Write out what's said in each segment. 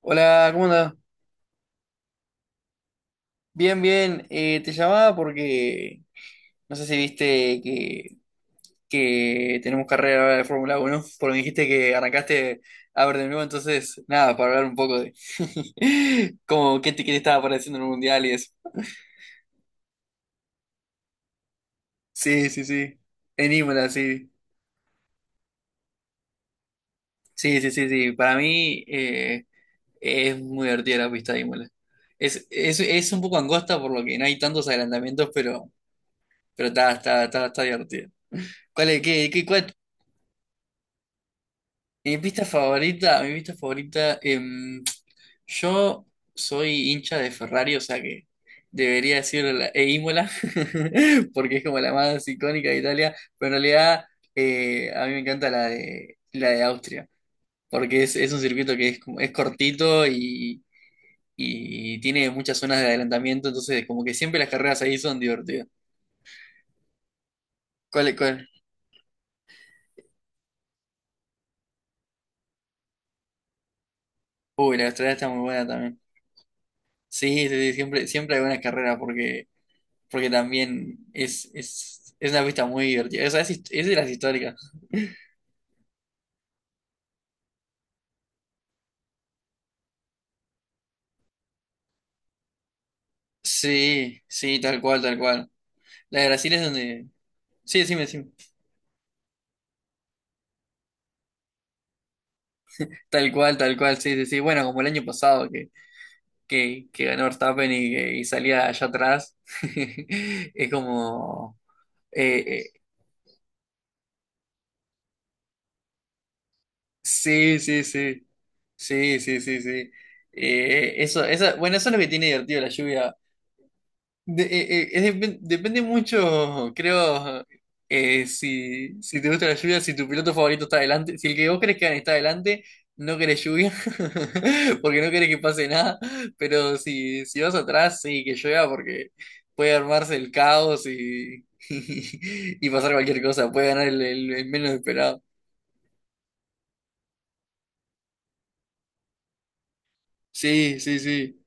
Hola, ¿cómo andás? Bien, bien. Te llamaba porque no sé si viste que tenemos carrera ahora de Fórmula 1, porque me dijiste que arrancaste a ver de nuevo, entonces, nada, para hablar un poco de qué te estaba pareciendo en el Mundial y eso. Sí, sí, sí. En Imola, sí. Sí, sí, sí, sí. Para mí, es muy divertida la pista de Imola. Es un poco angosta por lo que no hay tantos adelantamientos, pero está divertida. ¿Cuál es, qué, qué- cuál- mi pista favorita, yo soy hincha de Ferrari, o sea que debería decir e Imola, porque es como la más icónica de Italia, pero en realidad a mí me encanta la la de Austria, porque es un circuito que es, como- es cortito y tiene muchas zonas de adelantamiento, entonces como que siempre las carreras ahí son divertidas. ¿Cuál? Uy, la de Australia está muy buena también. Sí, sí, sí, siempre, siempre hay buenas carreras porque porque también es una pista muy divertida. O sea, es, hist- es de las históricas. Sí, sí, tal cual, tal cual. La de Brasil es donde... Sí, sí, sí. Tal cual, sí, sí, sí. Bueno, como el año pasado que ganó Verstappen y, que- y salía allá atrás. Es como... eh, eh, sí, sí, sí. Sí, sí, sí, sí. Eso, esa, bueno, eso es lo que tiene divertido la lluvia De- es depen- depende mucho, creo, si, si te gusta la lluvia, si tu piloto favorito está adelante, si el que vos crees que gane está adelante, no querés lluvia, porque no querés que pase nada, pero si, si vas atrás, sí, que llueva, porque puede armarse el caos y, y, pasar cualquier cosa, puede ganar el menos esperado. Sí, sí, sí,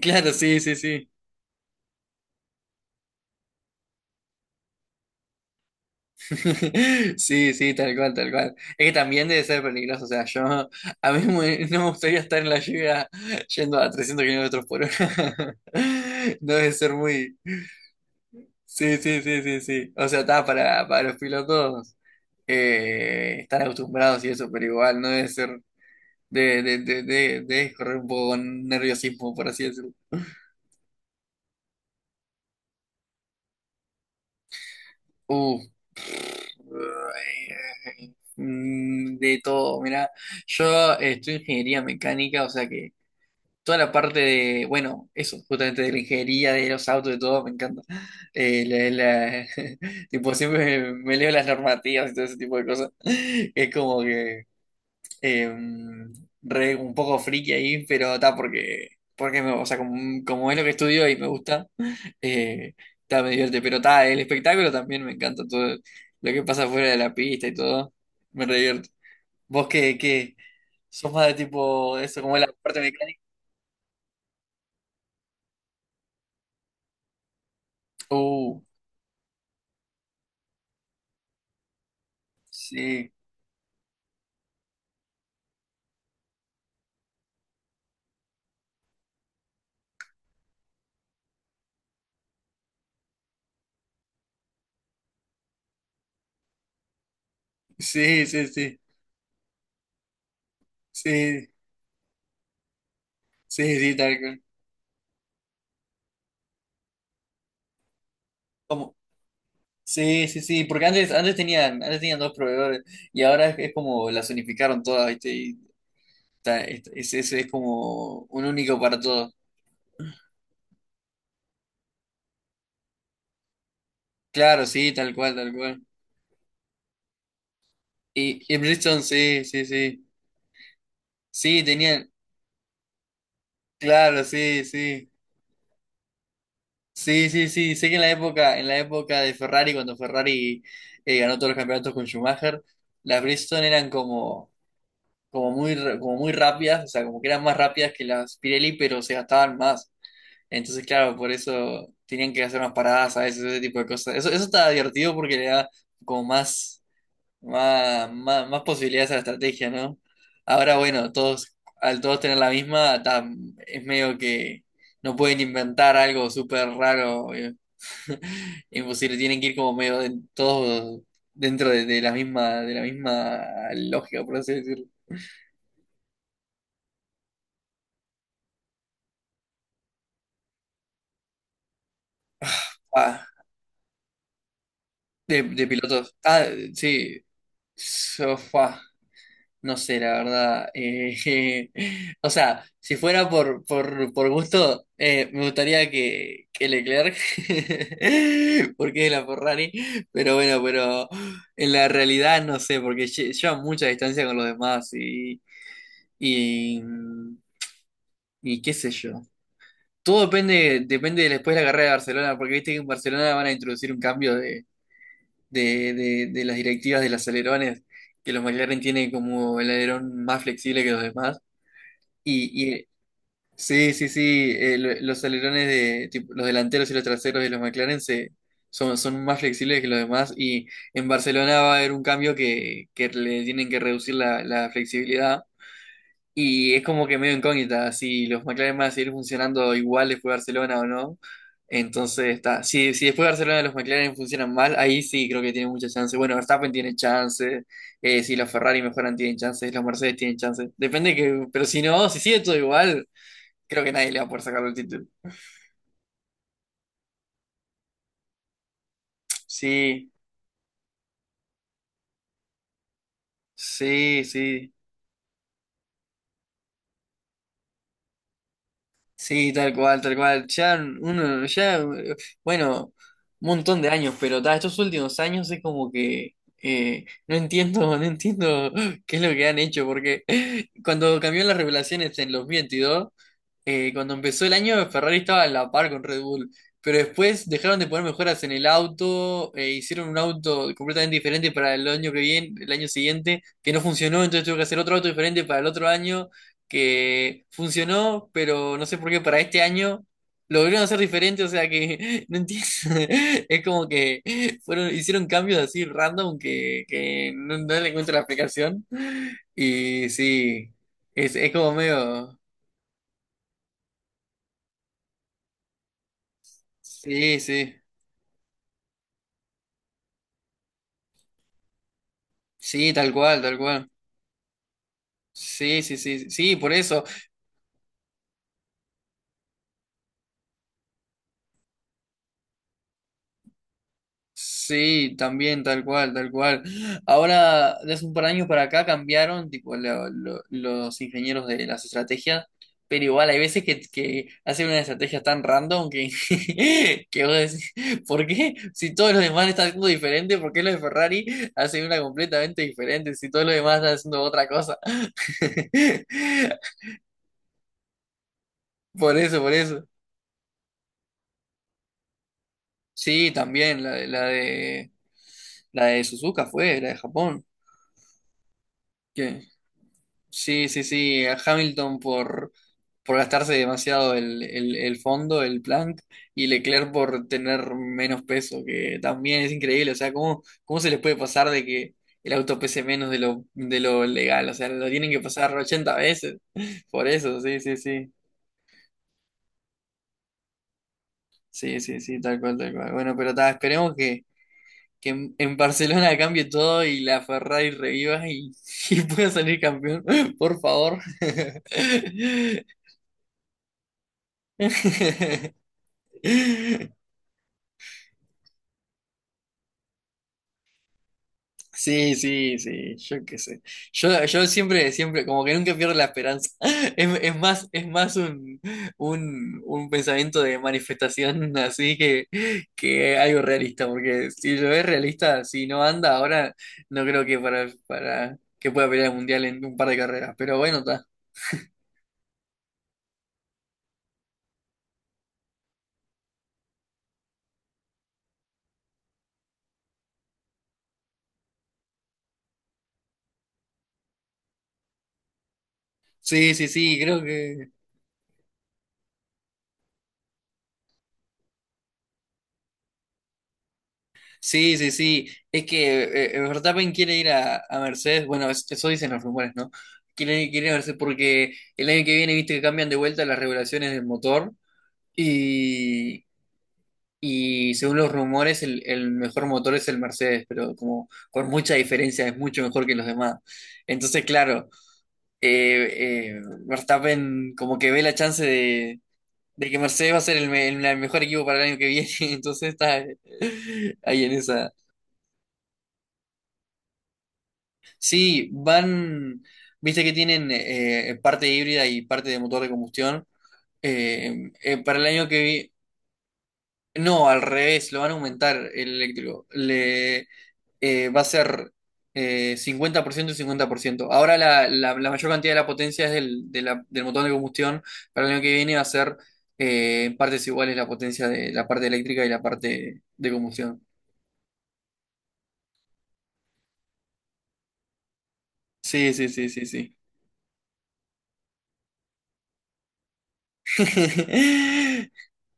claro, sí, sí, sí. Sí, sí, tal cual, tal cual. Es que también debe ser peligroso, o sea, yo a mí me- no me gustaría estar en la lluvia yendo a 300 km/h. No debe ser muy... Sí, sí, sí, sí, sí. O sea, está para los pilotos, están acostumbrados y eso, pero igual no debe ser de correr un poco con nerviosismo, por así decirlo. Uh, de todo, mira, yo estoy en ingeniería mecánica, o sea que... toda la parte de, bueno, eso, justamente de la ingeniería, de los autos, de todo, me encanta. Eh, la- la- tipo, me leo las normativas y todo ese tipo de cosas. Es como que eh, re un poco friki ahí, pero está porque, porque me- o sea, como, como es lo que estudio y me gusta, eh, está, me divierte. Pero está, el espectáculo también me encanta, todo lo que pasa fuera de la pista y todo, me re divierte. ¿Qué? ¿Sos más de tipo eso, como es la parte mecánica? Uh. Sí, sí, sí, sí, sí, sí, sí, tal cual. Como, sí, sí, sí, porque antes, antes tenían dos proveedores y ahora es como las unificaron todas, ¿viste? Y ta- es como un único para todos. Claro, sí, tal cual, tal cual. Y Bridgestone, sí, sí, sí. Sí, tenían, claro, sí, sí. Sí, sí, sí. Sé que en la época de Ferrari, cuando Ferrari, ganó todos los campeonatos con Schumacher, las Bridgestone eran como como muy, r- como muy rápidas, o sea, como que eran más rápidas que las Pirelli, pero se gastaban más. Entonces, claro, por eso tenían que hacer unas paradas a veces, ese tipo de cosas. Eso está divertido porque le da como más, más posibilidades a la estrategia, ¿no? Ahora, bueno, todos, al todos tener la misma, tam- es medio que no pueden inventar algo súper raro, imposible, tienen que ir como medio de- todos dentro de la misma lógica, por así decirlo. Ah, de pilotos. Ah, sí. Sofá. No sé, la verdad. O sea, si fuera por gusto, me gustaría que Leclerc, porque es la Ferrari, pero bueno, pero en la realidad no sé, porque lle- lleva mucha distancia con los demás y, y qué sé yo. Todo depende, depende de después de la carrera de Barcelona, porque viste que en Barcelona van a introducir un cambio de las directivas de los alerones, que los McLaren tienen como el alerón más flexible que los demás. Y sí, sí, sí, lo- los alerones de tipo, los delanteros y los traseros de los McLaren se, son más flexibles que los demás. Y en Barcelona va a haber un cambio que le tienen que reducir la, la flexibilidad y es como que medio incógnita si los McLaren van a seguir funcionando igual después de Barcelona o no. Entonces está. Si, si después de Barcelona los McLaren funcionan mal, ahí sí creo que tienen mucha chance. Bueno, Verstappen tiene chance. Si los Ferrari mejoran, tienen chances. Los Mercedes tienen chances. Depende que. Pero si no, si sigue todo igual, creo que nadie le va a poder sacar el título. Sí, sí, sí. Sí, tal cual, tal cual. Ya uno, ya, bueno, un montón de años, pero ta, estos últimos años es como que no entiendo, no entiendo qué es lo que han hecho, porque cuando cambió las revelaciones en los veintidós, cuando empezó el año, Ferrari estaba a la par con Red Bull, pero después dejaron de poner mejoras en el auto, hicieron un auto completamente diferente para el año que viene, el año siguiente, que no funcionó, entonces tuvo que hacer otro auto diferente para el otro año, que funcionó, pero no sé por qué para este año lo volvieron a hacer diferente, o sea que no entiendo, es como que fueron, hicieron cambios así random que no, no le encuentro la explicación, y sí, es como medio... Sí, sí, sí, tal cual, tal cual. Sí, sí, sí, sí, por eso. Sí, también, tal cual, tal cual. Ahora, de hace un par de años para acá cambiaron, tipo, los ingenieros de las estrategias, pero igual hay veces que hacen una estrategia tan random que, que vos decís, ¿por qué? Si todos los demás están haciendo diferente, ¿por qué los de Ferrari hacen una completamente diferente? Si todos los demás están haciendo otra cosa. Por eso, por eso. Sí, también, la de la de Suzuka fue, la de Japón. Que sí, sí, sí, a Hamilton por gastarse demasiado el fondo, el plank, y Leclerc por tener menos peso, que también es increíble. O sea, ¿cómo, cómo se les puede pasar de que el auto pese menos de lo legal? O sea, lo tienen que pasar 80 veces. Por eso, sí, sí, sí. Sí, sí, sí, tal cual, tal cual. Bueno, pero ta, esperemos que en Barcelona cambie todo y la Ferrari reviva y, y pueda salir campeón, por favor. Sí, sí, sí, yo qué sé. Yo siempre, siempre, como que nunca pierdo la esperanza. Es más un, un pensamiento de manifestación así que algo realista, porque si lo es realista, si no anda ahora, no creo que para que pueda pelear el mundial en un par de carreras. Pero bueno, sí, sí, sí, creo que. Sí, sí, sí. Es que Verstappen quiere ir a Mercedes. Bueno, es- eso dicen los rumores, ¿no? Quiere, quiere ir a Mercedes porque el año que viene, viste que cambian de vuelta las regulaciones del motor. Y, y según los rumores, el mejor motor es el Mercedes, pero como con mucha diferencia, es mucho mejor que los demás. Entonces, claro, Verstappen como que ve la chance de que Mercedes va a ser el, me- el- mejor equipo para el año que viene, entonces está ahí en esa. Sí, van, viste que tienen parte híbrida y parte de motor de combustión. Para el año que viene. No, al revés, lo van a aumentar el eléctrico. Le, va a ser 50% y 50%. Ahora la mayor cantidad de la potencia es del, de la- del motor de combustión. Para el año que viene va a ser en partes iguales la potencia de la parte eléctrica y la parte de combustión. Sí, sí, sí, sí, sí.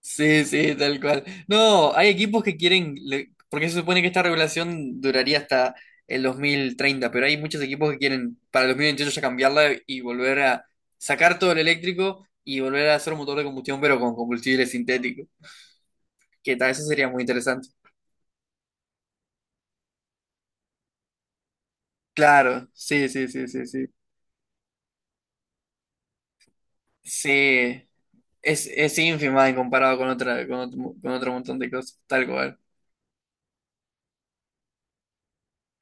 Sí, sí, tal cual. No, hay equipos que quieren, le- porque se supone que esta regulación duraría hasta el 2030, pero hay muchos equipos que quieren para el 2028 ya cambiarla y volver a sacar todo el eléctrico y volver a hacer un motor de combustión, pero con combustible sintético, que tal, eso sería muy interesante. Claro, sí, sí, sí, sí, sí. Sí, es ínfima en comparado con otra, con otro montón de cosas, tal cual.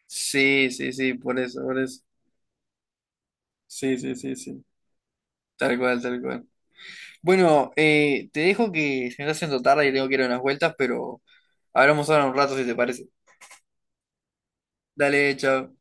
Sí, sí, sí, por eso, por eso. Sí, sí, sí, sí, tal cual, tal cual. Bueno, te dejo que se me está haciendo tarde y tengo que ir a unas vueltas, pero hablamos ahora un rato si te parece. Dale, chao.